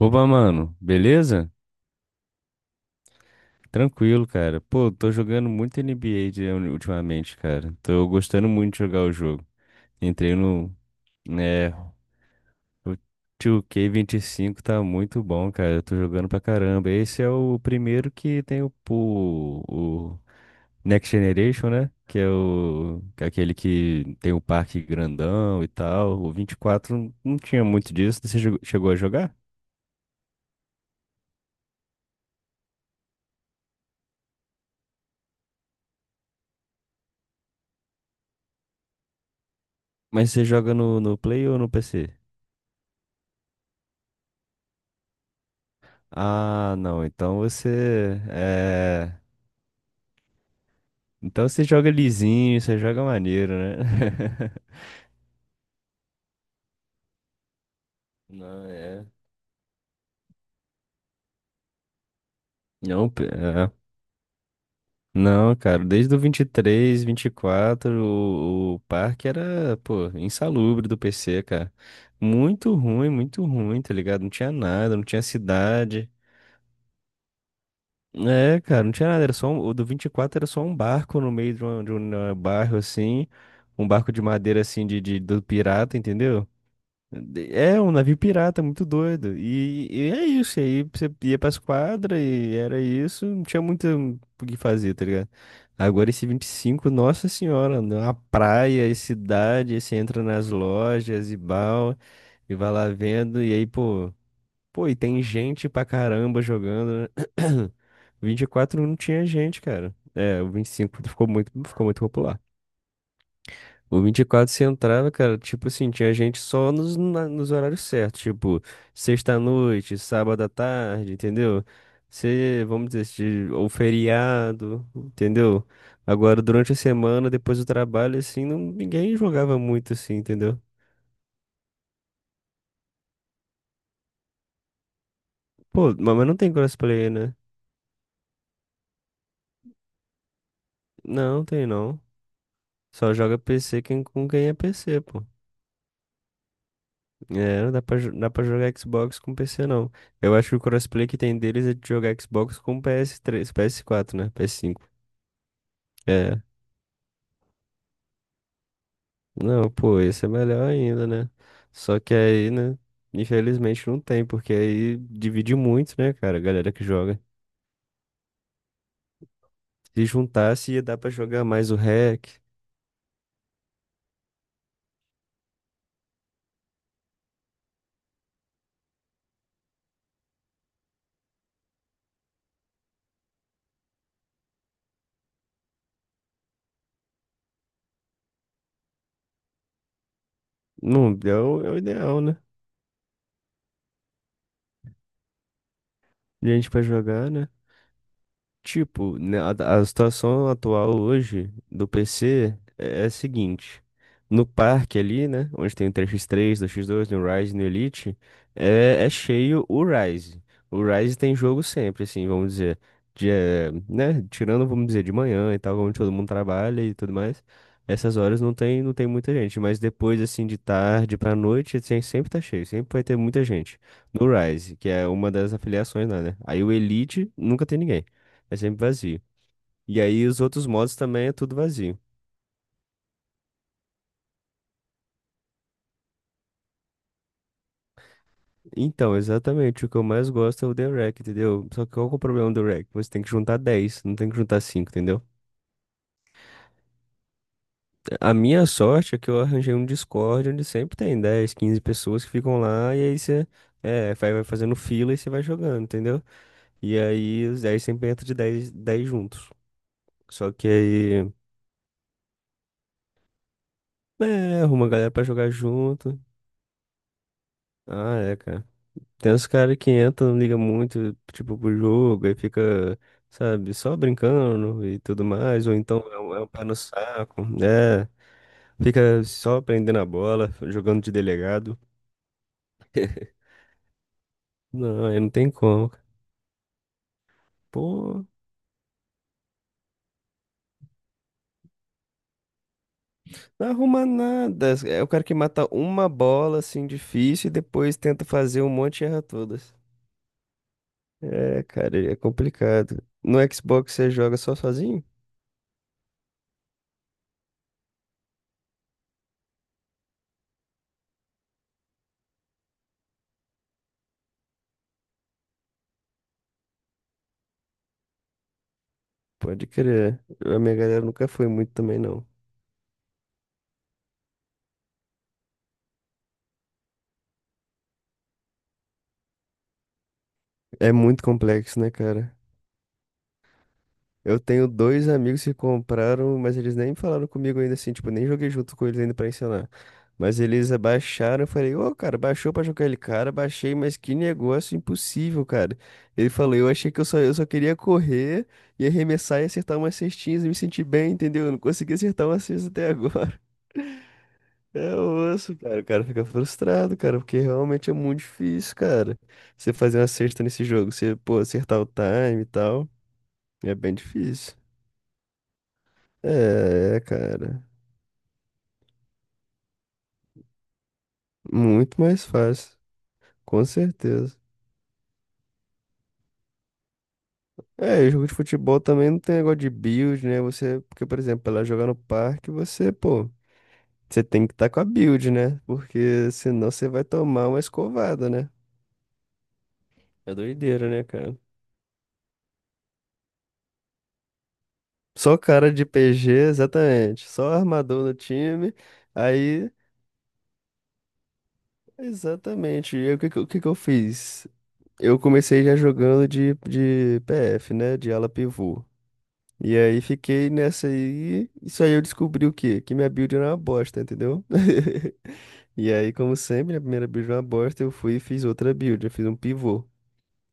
Opa, mano, beleza? Tranquilo, cara. Pô, tô jogando muito NBA ultimamente, cara. Tô gostando muito de jogar o jogo. Entrei no, né, o 2K25 tá muito bom, cara. Eu tô jogando pra caramba. Esse é o primeiro que tem o Next Generation, né? Que é o, que é aquele que tem o parque grandão e tal. O 24 não tinha muito disso. Chegou a jogar? Mas você joga no Play ou no PC? Ah, não. Então você é. Então você joga lisinho, você joga maneiro, né? Não, é. É. Não, cara, desde o 23, 24, o parque era, pô, insalubre do PC, cara. Muito ruim, tá ligado? Não tinha nada, não tinha cidade. É, cara, não tinha nada, era só um, o do 24 era só um barco no meio de um bairro assim, um barco de madeira assim do pirata, entendeu? É um navio pirata, muito doido. E é isso. E aí você ia pras quadras e era isso. Não tinha muito o que fazer, tá ligado? Agora esse 25 nossa senhora, uma praia e cidade. Aí você entra nas lojas e bal e vai lá vendo. E aí, pô, e tem gente pra caramba jogando, né? 24 não tinha gente, cara. É, o 25 ficou muito popular. O 24 você entrava, cara, tipo assim, tinha gente só nos horários certos, tipo, sexta-noite, sábado à tarde, entendeu? Você, vamos dizer, ou feriado, entendeu? Agora, durante a semana, depois do trabalho, assim, não, ninguém jogava muito, assim, entendeu? Pô, mas não tem crossplay, né? Não, tem não. Só joga PC quem, com quem é PC, pô. É, não dá pra, jo- dá pra jogar Xbox com PC, não. Eu acho que o crossplay que tem deles é de jogar Xbox com PS3, PS4, né? PS5. É. Não, pô, esse é melhor ainda, né? Só que aí, né? Infelizmente não tem, porque aí divide muito, né, cara, a galera que joga. Se juntasse, ia dar pra jogar mais o hack. Não, é o ideal, né? Gente pra jogar, né? Tipo, né, a situação atual hoje do PC é a seguinte. No parque ali, né? Onde tem o 3x3, 2x2, no Rise, no Elite, é cheio o Rise. O Rise tem jogo sempre, assim, vamos dizer. Né? Tirando, vamos dizer, de manhã e tal, onde todo mundo trabalha e tudo mais. Essas horas não tem muita gente. Mas depois, assim, de tarde pra noite, assim, sempre tá cheio. Sempre vai ter muita gente. No Rise, que é uma das afiliações lá, né? Aí o Elite nunca tem ninguém. É sempre vazio. E aí os outros modos também é tudo vazio. Então, exatamente, o que eu mais gosto é o The Wreck, entendeu? Só que qual que é o problema do Wreck? Você tem que juntar 10 não tem que juntar 5 entendeu? A minha sorte é que eu arranjei um Discord onde sempre tem 10 15 pessoas que ficam lá e aí você é, vai fazendo fila e você vai jogando, entendeu? E aí os 10 sempre entram de 10 10 juntos. Só que aí, é, arruma a galera pra jogar junto. Ah, é, cara. Tem uns caras que entram, não liga muito, tipo, pro jogo, aí fica, sabe, só brincando e tudo mais, ou então é um pé no saco, né? Fica só prendendo a bola, jogando de delegado. Não, aí não tem como. Pô, não arruma nada. É o cara que mata uma bola, assim, difícil, e depois tenta fazer um monte e erra todas. É, cara, é complicado. No Xbox você joga só sozinho? Pode crer. A minha galera nunca foi muito também, não. É muito complexo, né, cara? Eu tenho dois amigos que compraram, mas eles nem falaram comigo ainda assim, tipo, nem joguei junto com eles ainda pra ensinar. Mas eles abaixaram, eu falei, ô, cara, baixou pra jogar ele, cara, baixei, mas que negócio impossível, cara. Ele falou, eu achei que eu só queria correr e arremessar e acertar umas cestinhas e me sentir bem, entendeu? Eu não consegui acertar uma cesta até agora. É osso, cara, o cara fica frustrado, cara, porque realmente é muito difícil, cara. Você fazer uma cesta nesse jogo, você, pô, acertar o time e tal, é bem difícil. É, cara. Muito mais fácil. Com certeza. É, e jogo de futebol também não tem negócio de build, né? Você, porque, por exemplo, ela jogar no parque, você, pô, você tem que estar com a build, né? Porque senão você vai tomar uma escovada, né? É doideira, né, cara? Só cara de PG, exatamente. Só armador no time. Aí, exatamente. E aí, o que que eu fiz? Eu comecei já jogando de PF, né? De ala pivô. E aí fiquei nessa aí. Isso aí eu descobri o quê? Que minha build era uma bosta, entendeu? E aí, como sempre, né, a primeira build era uma bosta, eu fui e fiz outra build. Eu fiz um pivô.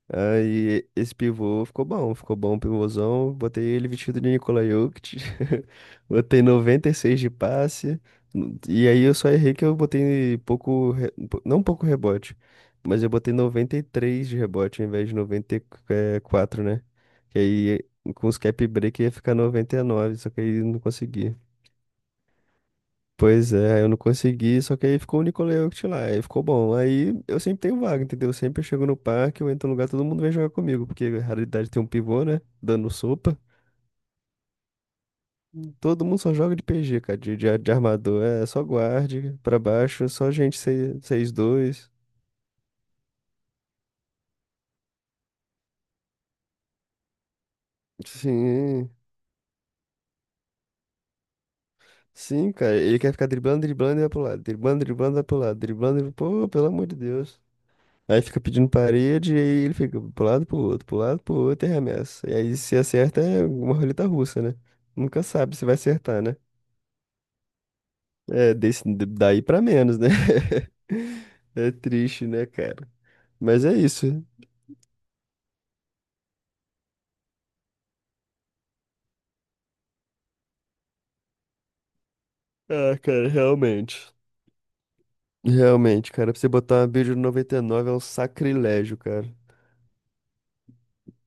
Aí esse pivô ficou bom o pivôzão. Botei ele vestido de Nikola Jokic. Botei 96 de passe. E aí eu só errei que eu botei pouco, não pouco rebote, mas eu botei 93 de rebote ao invés de 94, né? Que aí com os cap break ia ficar 99, só que aí eu não consegui. Pois é, eu não consegui, só que aí ficou o Nicole Jokic lá, aí ficou bom. Aí eu sempre tenho vaga, entendeu? Sempre eu chego no parque, eu entro no lugar, todo mundo vem jogar comigo, porque a raridade tem um pivô, né? Dando sopa. Todo mundo só joga de PG, cara, de armador. É só guarde, pra baixo, só gente 6-2. Sim, sim, cara. Ele quer ficar driblando, driblando e vai pro lado, driblando, driblando, vai pro lado, driblando, driblando. Pô, pelo amor de Deus. Aí fica pedindo parede, e aí ele fica pro lado, pro outro, pro lado, pro outro e arremessa. E aí se acerta é uma roleta russa, né? Nunca sabe se vai acertar, né? É, desse, daí pra menos, né? É triste, né, cara? Mas é isso. Ah, cara, realmente. Realmente, cara, pra você botar uma build no 99 é um sacrilégio, cara.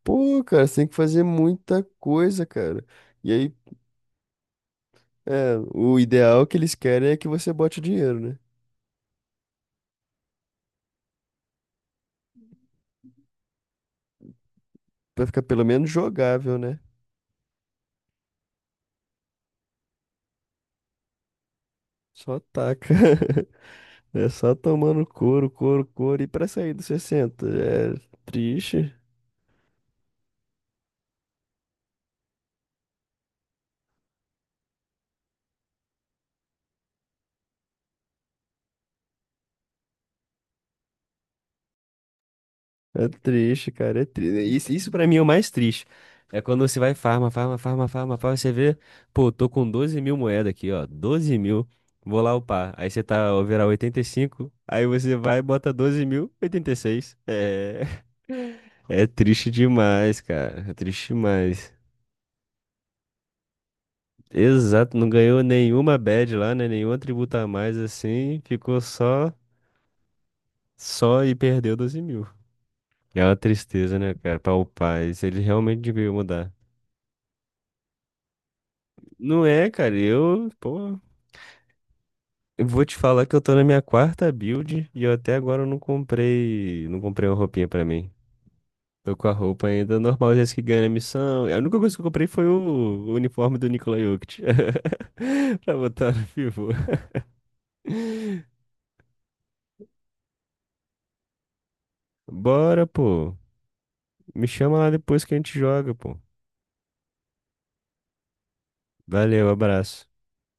Pô, cara, você tem que fazer muita coisa, cara. E aí, é, o ideal que eles querem é que você bote dinheiro, né? Pra ficar pelo menos jogável, né? Só taca. É só tomando couro, couro, couro. E pra sair dos 60 é triste. É triste, cara. É triste. Isso pra mim é o mais triste. É quando você vai farma, farma, farma, farma, farma. Você vê, pô, tô com 12.000 moedas aqui, ó. 12.000. Vou lá upar. Aí você tá overall 85. Aí você vai e bota 12.000, 86. É, é triste demais, cara. É triste demais. Exato, não ganhou nenhuma badge lá, né? Nenhum atributo a mais assim, ficou só. Só e perdeu 12.000. É uma tristeza, né, cara? Para o pai. Ele realmente devia mudar. Não é, cara. Eu, pô. Eu vou te falar que eu tô na minha quarta build e eu até agora eu não comprei. Não comprei uma roupinha pra mim. Tô com a roupa ainda normal, já que ganha a missão. A única coisa que eu comprei foi o uniforme do Nikola Jokic. Pra botar no pivô. Bora, pô. Me chama lá depois que a gente joga, pô. Valeu, abraço.